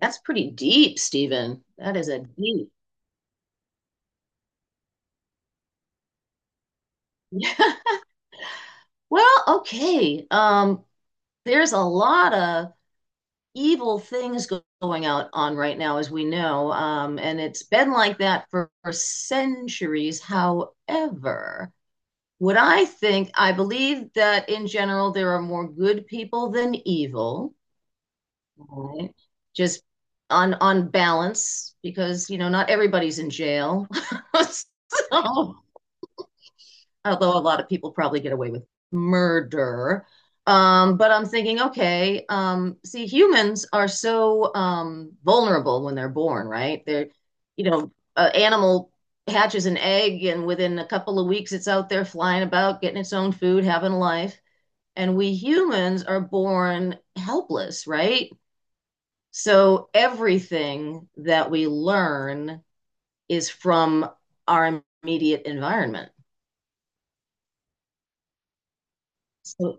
That's pretty deep, Stephen. That is a deep. Yeah. Well, okay. There's a lot of evil going out on right now, as we know, and it's been like that for centuries. However, I believe that in general there are more good people than evil, right? Just on balance, because you know not everybody's in jail. So, although a lot of people probably get away with murder. But I'm thinking, okay, see, humans are so vulnerable when they're born, right? An animal hatches an egg, and within a couple of weeks, it's out there flying about, getting its own food, having a life. And we humans are born helpless, right? So everything that we learn is from our immediate environment. So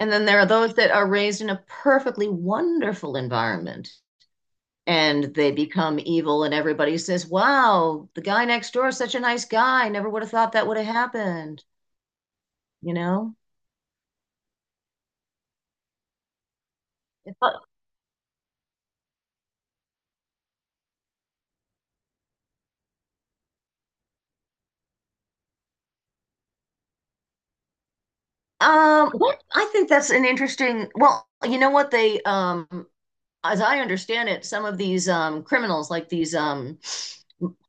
and then there are those that are raised in a perfectly wonderful environment and they become evil, and everybody says, wow, the guy next door is such a nice guy. Never would have thought that would have happened, you know? What I think that's an interesting, well, you know what? As I understand it, some of these criminals, like these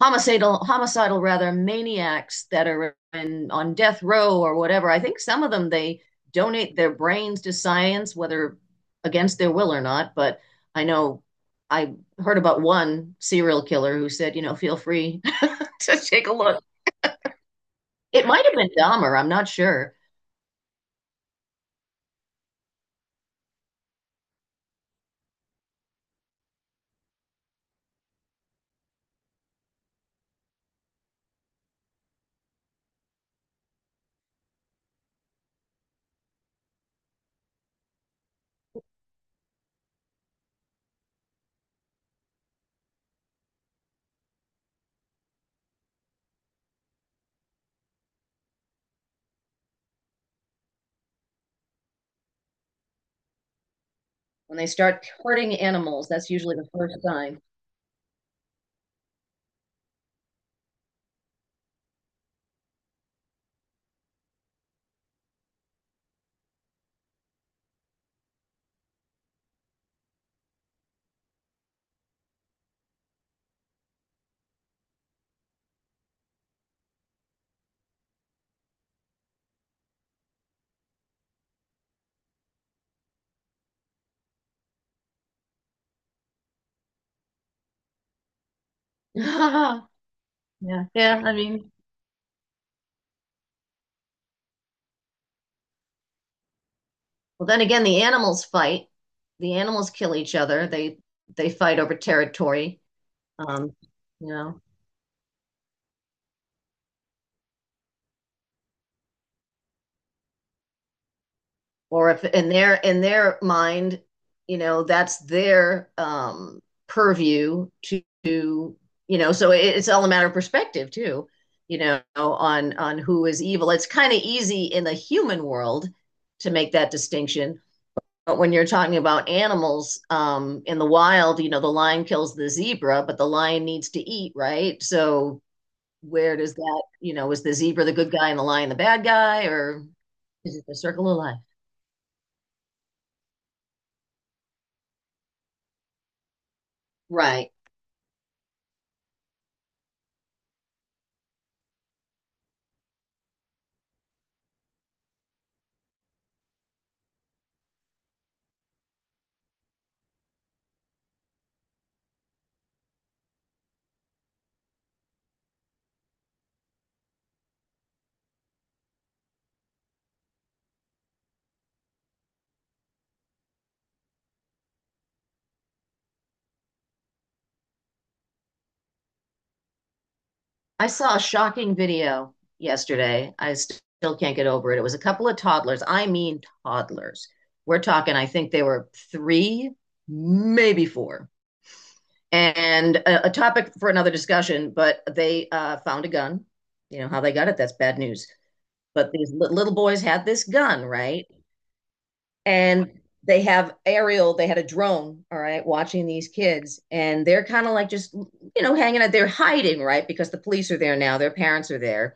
homicidal rather maniacs that are on death row or whatever, I think some of them they donate their brains to science, whether against their will or not. But I know I heard about one serial killer who said, you know, feel free to take a look. It might have been Dahmer. I'm not sure. When they start hurting animals, that's usually the first sign. Yeah, yeah. Well, then again, the animals fight. The animals kill each other. They fight over territory. Um, you know, or if in their in their mind, you know, that's their purview to, you know, so it's all a matter of perspective too, you know, on who is evil. It's kind of easy in the human world to make that distinction. But when you're talking about animals in the wild, you know, the lion kills the zebra, but the lion needs to eat, right? So where does that, you know, is the zebra the good guy and the lion the bad guy, or is it the circle of life? Right. I saw a shocking video yesterday. I still can't get over it. It was a couple of toddlers. I mean, toddlers. We're talking, I think they were three, maybe four and a topic for another discussion, but they found a gun. You know how they got it? That's bad news. But these little boys had this gun, right? And they have aerial they had a drone, all right, watching these kids and they're kind of like just, you know, hanging out. They're hiding, right, because the police are there. Now their parents are there,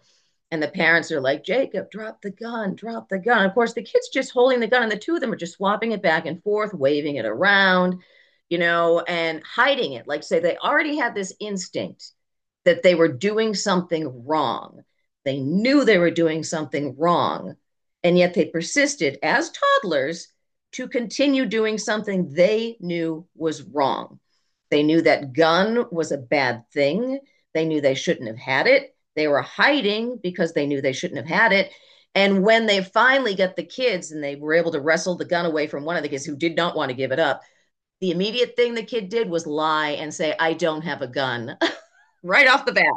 and the parents are like, Jacob, drop the gun, drop the gun. Of course, the kids just holding the gun and the two of them are just swapping it back and forth, waving it around, you know, and hiding it, like, say they already had this instinct that they were doing something wrong. They knew they were doing something wrong, and yet they persisted as toddlers to continue doing something they knew was wrong. They knew that gun was a bad thing. They knew they shouldn't have had it. They were hiding because they knew they shouldn't have had it. And when they finally got the kids and they were able to wrestle the gun away from one of the kids who did not want to give it up, the immediate thing the kid did was lie and say, I don't have a gun right off the bat.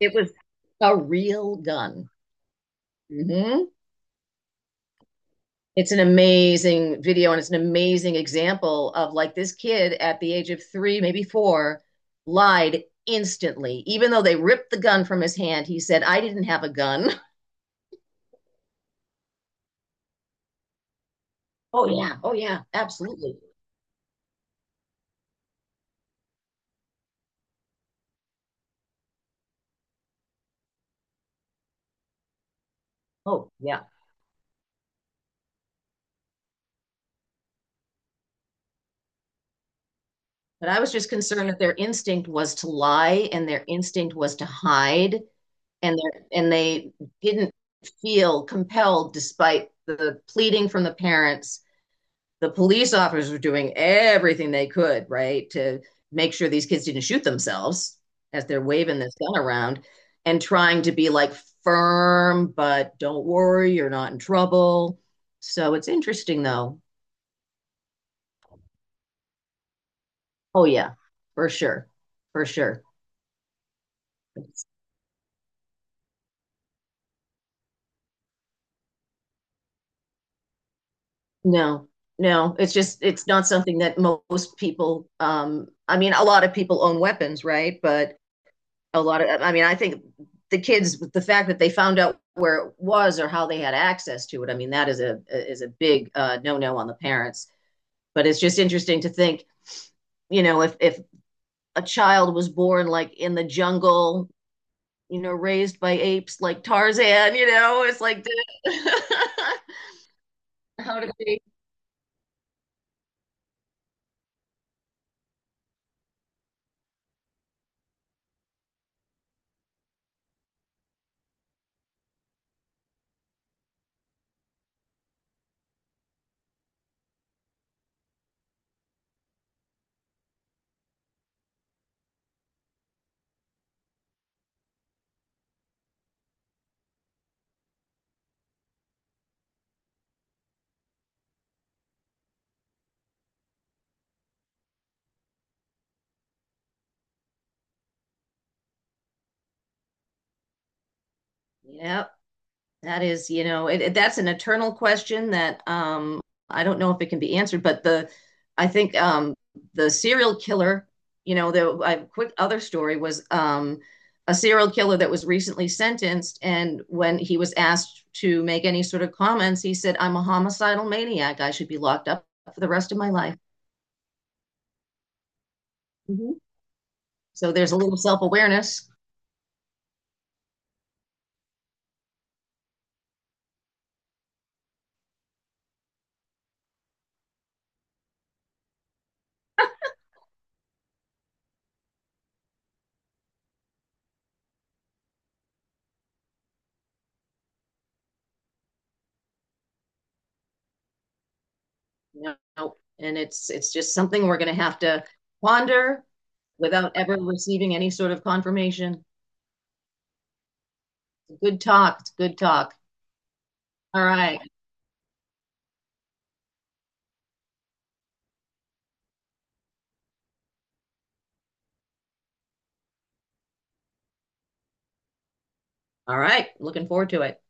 It was a real gun. Mm-hmm. It's an amazing video and it's an amazing example of, like, this kid at the age of three, maybe four, lied instantly. Even though they ripped the gun from his hand, he said, I didn't have a gun. Oh, yeah. Oh, yeah. Absolutely. Oh, yeah. But I was just concerned that their instinct was to lie and their instinct was to hide, and and they didn't feel compelled despite the pleading from the parents. The police officers were doing everything they could, right, to make sure these kids didn't shoot themselves as they're waving this gun around and trying to be like firm, but don't worry, you're not in trouble. So it's interesting though. Oh, yeah, for sure. For sure. It's- no, no, it's just, it's not something that most people, I mean, a lot of people own weapons, right? But a lot of, I mean, I think the kids, the fact that they found out where it was or how they had access to it, I mean that is a big no no on the parents. But it's just interesting to think, you know, if a child was born like in the jungle, you know, raised by apes like Tarzan, you know, it's like how did they? Yeah, that is, you know, that's an eternal question that I don't know if it can be answered, but the I think the serial killer, you know, quick other story was a serial killer that was recently sentenced, and when he was asked to make any sort of comments, he said, "I'm a homicidal maniac. I should be locked up for the rest of my life." Mhm. So there's a little self-awareness. No, no, and it's just something we're going to have to ponder without ever receiving any sort of confirmation. Good talk. It's good talk. All right. All right. Looking forward to it.